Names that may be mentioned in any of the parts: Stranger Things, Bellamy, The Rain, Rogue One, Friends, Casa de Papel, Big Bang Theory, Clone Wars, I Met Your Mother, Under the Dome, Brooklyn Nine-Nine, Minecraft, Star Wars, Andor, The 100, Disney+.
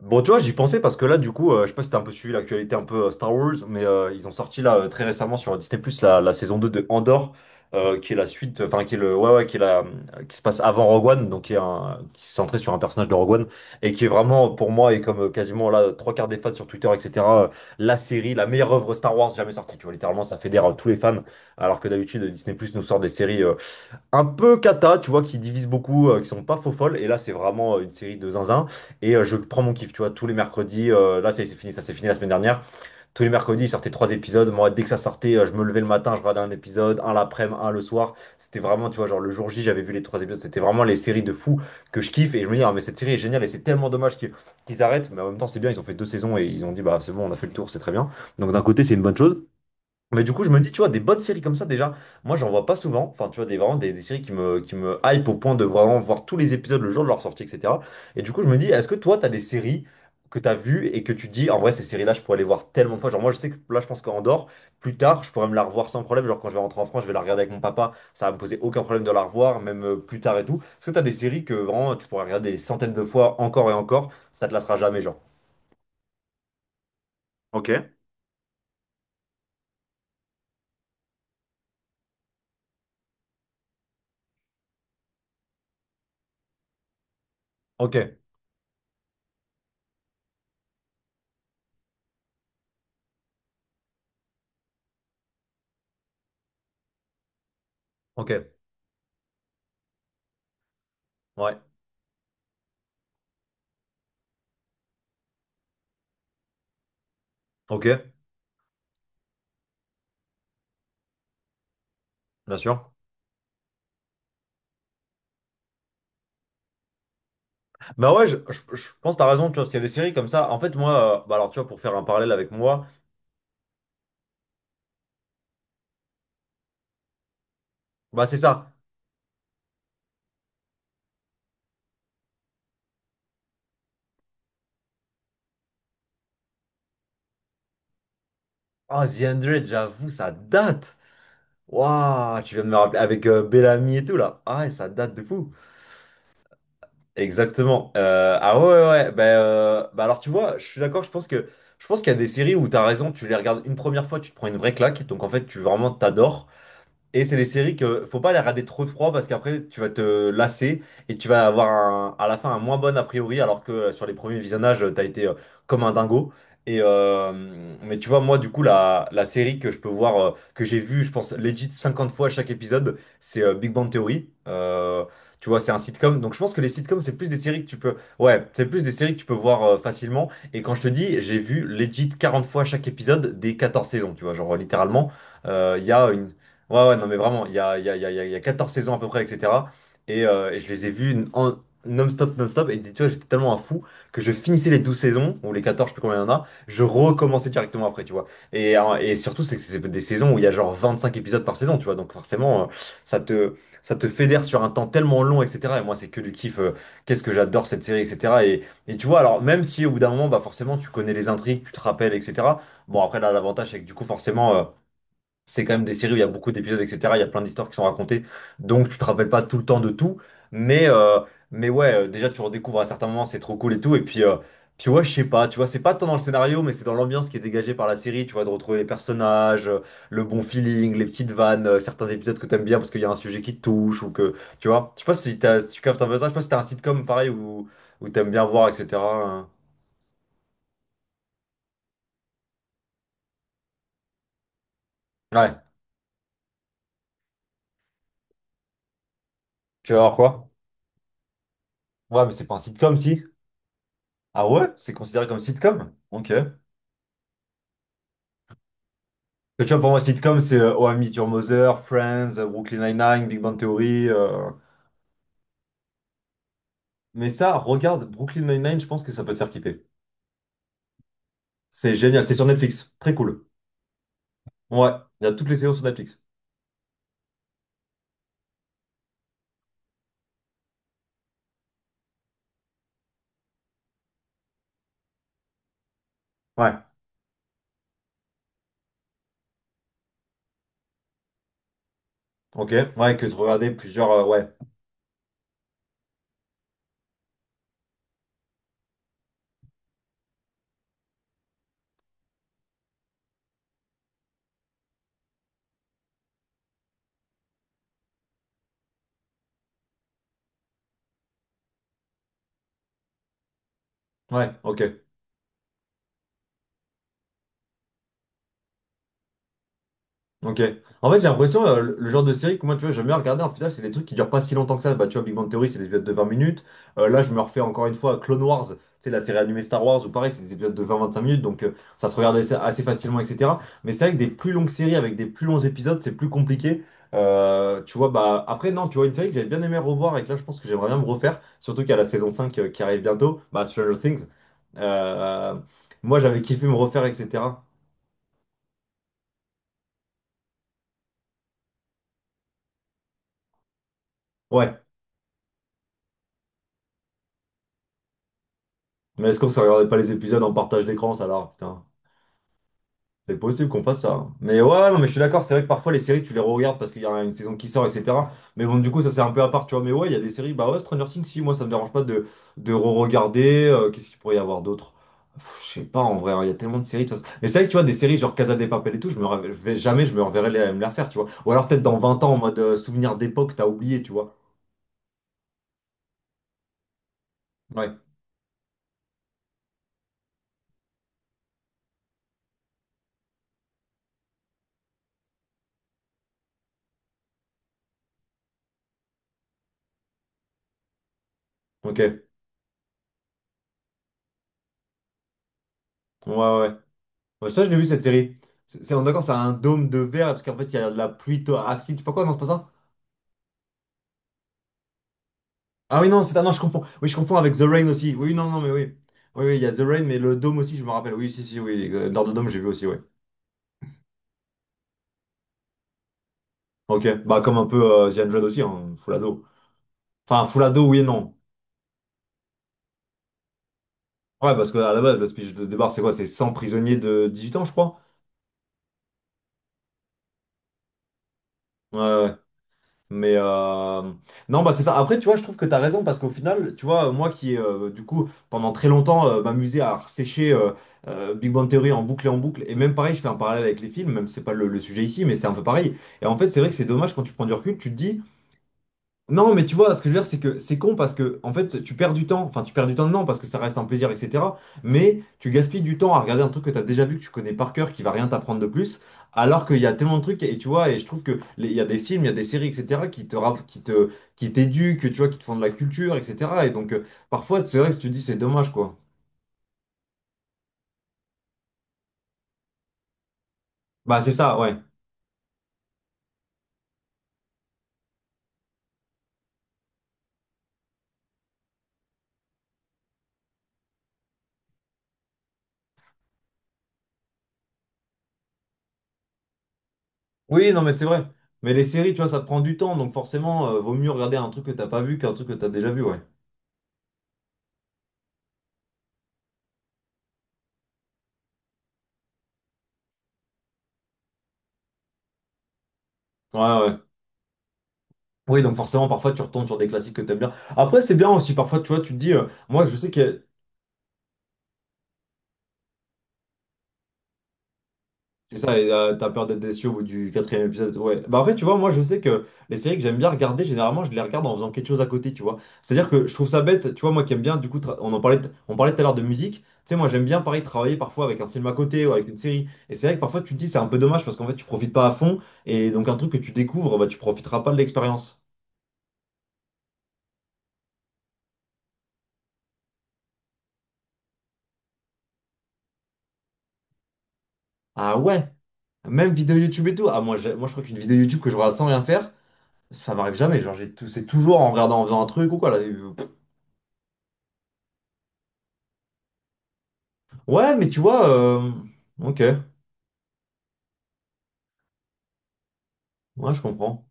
Bon, tu vois, j'y pensais parce que là, du coup, je sais pas si t'as un peu suivi l'actualité un peu Star Wars, mais ils ont sorti là très récemment sur Disney+, la saison 2 de Andor, qui est la suite, enfin, qui est le, ouais, ouais, qui est la, qui se passe avant Rogue One, donc qui est un, qui se centré sur un personnage de Rogue One, et qui est vraiment, pour moi, et comme quasiment là, trois quarts des fans sur Twitter, etc., la série, la meilleure œuvre Star Wars jamais sortie, tu vois, littéralement, ça fédère tous les fans, alors que d'habitude, Disney+, nous sort des séries un peu cata, tu vois, qui divise beaucoup, qui sont pas faux folles. Et là, c'est vraiment une série de zinzin. Et je prends mon kiff, tu vois, tous les mercredis. Là, ça c'est fini, ça s'est fini la semaine dernière. Tous les mercredis, ils sortaient trois épisodes. Moi, dès que ça sortait, je me levais le matin, je regardais un épisode, un l'après-midi, un le soir. C'était vraiment, tu vois, genre le jour J, j'avais vu les trois épisodes. C'était vraiment les séries de fous que je kiffe. Et je me dis, ah, mais cette série est géniale et c'est tellement dommage qu'ils arrêtent. Mais en même temps, c'est bien, ils ont fait deux saisons et ils ont dit, bah, c'est bon, on a fait le tour, c'est très bien. Donc d'un côté, c'est une bonne chose. Mais du coup, je me dis, tu vois, des bonnes séries comme ça, déjà, moi, j'en vois pas souvent. Enfin, tu vois, des, vraiment des séries qui me hype au point de vraiment voir tous les épisodes le jour de leur sortie, etc. Et du coup, je me dis, est-ce que toi, t'as des séries que t'as vues et que tu te dis, en vrai, ces séries-là, je pourrais les voir tellement de fois. Genre, moi, je sais que là, je pense qu'en dehors, plus tard, je pourrais me la revoir sans problème. Genre, quand je vais rentrer en France, je vais la regarder avec mon papa. Ça va me poser aucun problème de la revoir, même plus tard et tout. Est-ce que t'as des séries que vraiment, tu pourrais regarder des centaines de fois encore et encore, ça te lassera jamais, genre? Ok. Ok, ok, ouais, ok, bien sûr. Bah ouais, je pense que t'as raison, tu vois, parce qu'il y a des séries comme ça. En fait, moi, bah alors tu vois, pour faire un parallèle avec moi, bah c'est ça. Ah, The 100, j'avoue, ça date. Waouh, tu viens de me rappeler avec Bellamy et tout là. Ah ouais, ça date de fou. Exactement. Ah ouais, ouais, ouais. Bah, bah alors tu vois, je suis d'accord, je pense qu'il y a des séries où t'as raison, tu les regardes une première fois, tu te prends une vraie claque, donc en fait, tu vraiment t'adores. Et c'est des séries que faut pas les regarder trop de froid parce qu'après tu vas te lasser et tu vas avoir à la fin un moins bon a priori alors que sur les premiers visionnages t'as été comme un dingo. Et mais tu vois moi du coup la série que je peux voir que j'ai vue je pense legit 50 fois chaque épisode c'est Big Bang Theory. Tu vois c'est un sitcom donc je pense que les sitcoms c'est plus des séries que tu peux ouais c'est plus des séries que tu peux voir facilement et quand je te dis j'ai vu legit 40 fois chaque épisode des 14 saisons tu vois genre littéralement il y a une Ouais, ouais, non, mais vraiment, il y a, il y a, il y a, il y a il y a 14 saisons à peu près, etc. Et je les ai vues en non-stop, non-stop. Et tu vois, j'étais tellement un fou que je finissais les 12 saisons, ou les 14 je sais plus combien il y en a, je recommençais directement après, tu vois. Et surtout, c'est que c'est des saisons où il y a genre 25 épisodes par saison, tu vois. Donc forcément, ça te, ça te fédère sur un temps tellement long, etc. Et moi, c'est que du kiff. Qu'est-ce que j'adore cette série, etc. Et tu vois, alors, même si au bout d'un moment, bah forcément, tu connais les intrigues, tu te rappelles, etc. Bon, après, là, l'avantage, c'est que du coup, forcément. C'est quand même des séries où il y a beaucoup d'épisodes, etc. Il y a plein d'histoires qui sont racontées, donc tu te rappelles pas tout le temps de tout. Mais, euh, mais ouais, déjà tu redécouvres à certains moments, c'est trop cool et tout. Et puis ouais, je sais pas, tu vois, c'est pas tant dans le scénario, mais c'est dans l'ambiance qui est dégagée par la série, tu vois, de retrouver les personnages, le bon feeling, les petites vannes, certains épisodes que t'aimes bien parce qu'il y a un sujet qui te touche ou que, tu vois. Je sais pas si t'as, si tu captes un peu ça, je sais pas si t'as un sitcom pareil où t'aimes bien voir, etc. Ouais, tu vas voir quoi? Ouais, mais c'est pas un sitcom si. Ah ouais? C'est considéré comme sitcom? Ok. Tu vois, pour moi, sitcom, c'est Oh, I Met Your Mother, Friends, Brooklyn Nine-Nine, Big Bang Theory. Mais ça, regarde Brooklyn Nine-Nine, je pense que ça peut te faire kiffer. C'est génial, c'est sur Netflix. Très cool. Ouais, il y a toutes les séries sur Netflix. Ouais, ok. Ouais, que tu regardais plusieurs. Ouais, ouais, ok. Ok. En fait, j'ai l'impression, le genre de série que moi, tu vois, j'aime bien regarder, en final, c'est des trucs qui durent pas si longtemps que ça. Bah, tu vois, Big Bang Theory, c'est des épisodes de 20 minutes. Là, je me refais encore une fois Clone Wars, tu sais, la série animée Star Wars, ou pareil, c'est des épisodes de vingt-vingt-cinq minutes, donc ça se regarde assez facilement, etc. Mais c'est vrai que des plus longues séries avec des plus longs épisodes, c'est plus compliqué. Tu vois, bah, après, non, tu vois, une série que j'avais bien aimé revoir et que là, je pense que j'aimerais bien me refaire, surtout qu'il y a la saison 5 qui arrive bientôt, bah, Stranger Things. Euh, Moi, j'avais kiffé me refaire, etc. Ouais, mais est-ce qu'on se regardait pas les épisodes en partage d'écran, ça là, putain. C'est possible qu'on fasse ça. Hein. Mais ouais, non, mais je suis d'accord, c'est vrai que parfois les séries, tu les regardes parce qu'il y a une saison qui sort, etc. Mais bon, du coup, ça c'est un peu à part, tu vois. Mais ouais, il y a des séries, bah ouais, Stranger Things, si, moi ça me dérange pas de re-regarder. Qu'est-ce qu'il pourrait y avoir d'autre? Pff, je sais pas, en vrai, hein, il y a tellement de séries, de toute façon. Mais c'est vrai que tu vois, des séries genre Casa de Papel et tout, je vais jamais, je me reverrai les, me les refaire, tu vois. Ou alors peut-être dans 20 ans, en mode souvenir d'époque, t'as oublié, tu vois. Ouais, ok. Ouais, ouais. Ouais, ça, je l'ai vu cette série. On est d'accord, ça a un dôme de verre parce qu'en fait, il y a de la pluie acide. Je sais pas quoi, non, c'est pas ça? Ah oui, non, c'est ah, non, je confonds. Oui, je confonds avec The Rain aussi. Oui, non, non, mais oui. Oui, oui, il y a The Rain, mais le dôme aussi, je me rappelle. Oui, si, si, oui. Dans le dôme, j'ai vu aussi, oui. Ok, bah comme un peu The 100 aussi, hein, full ado. Enfin, full ado, oui et non. Ouais, parce que à la base, le speech de départ, c'est quoi? C'est 100 prisonniers de 18 ans, je crois. Ouais, ouais. Mais non, bah c'est ça. Après, tu vois, je trouve que tu as raison parce qu'au final, tu vois, moi qui, du coup, pendant très longtemps, m'amusais à sécher Big Bang Theory en boucle, et même pareil, je fais un parallèle avec les films, même si c'est pas le sujet ici, mais c'est un peu pareil. Et en fait, c'est vrai que c'est dommage quand tu prends du recul, tu te dis. Non, mais tu vois, ce que je veux dire, c'est que c'est con parce que, en fait, tu perds du temps. Enfin, tu perds du temps, non, parce que ça reste un plaisir, etc. Mais tu gaspilles du temps à regarder un truc que tu as déjà vu, que tu connais par cœur, qui va rien t'apprendre de plus, alors qu'il y a tellement de trucs, et tu vois, et je trouve que il y a des films, il y a des séries, etc., qui te, rapp- qui te, qui t'éduquent, tu vois, qui te font de la culture, etc. Et donc, parfois, c'est vrai que si tu te dis, c'est dommage, quoi. Bah, c'est ça, ouais. Oui, non, mais c'est vrai. Mais les séries, tu vois, ça te prend du temps, donc forcément, vaut mieux regarder un truc que t'as pas vu qu'un truc que t'as déjà vu, ouais. Ouais, ouais. Oui, donc forcément, parfois, tu retombes sur des classiques que t'aimes bien. Après, c'est bien aussi, parfois, tu vois, tu te dis, moi, je sais que. C'est ça, et, t'as peur d'être déçu au bout du quatrième épisode. Ouais. Bah après, tu vois, moi, je sais que les séries que j'aime bien regarder, généralement, je les regarde en faisant quelque chose à côté, tu vois. C'est-à-dire que je trouve ça bête, tu vois, moi qui aime bien, du coup, on en parlait, on parlait tout à l'heure de musique. Tu sais, moi, j'aime bien, pareil, travailler parfois avec un film à côté ou avec une série. Et c'est vrai que parfois, tu te dis, c'est un peu dommage parce qu'en fait, tu profites pas à fond. Et donc, un truc que tu découvres, bah, tu profiteras pas de l'expérience. Ah ouais, même vidéo YouTube et tout. Ah, moi, moi, je crois qu'une vidéo YouTube que je regarde sans rien faire. Ça m'arrive jamais, genre c'est toujours en regardant, en faisant un truc ou quoi là. Pff. Ouais, mais tu vois, ok, ouais, je comprends.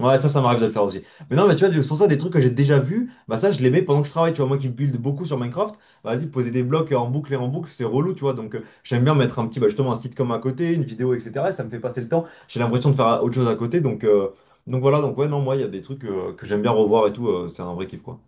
Ouais, ça m'arrive de le faire aussi. Mais non, mais tu vois, c'est pour ça des trucs que j'ai déjà vus, bah ça, je les mets pendant que je travaille. Tu vois, moi qui build beaucoup sur Minecraft, bah, vas-y, poser des blocs en boucle et en boucle, c'est relou, tu vois. Donc, j'aime bien mettre un petit, bah, justement, un sitcom à côté, une vidéo, etc. et ça me fait passer le temps. J'ai l'impression de faire autre chose à côté, donc voilà. Donc, ouais, non, moi, il y a des trucs que j'aime bien revoir et tout, c'est un vrai kiff, quoi.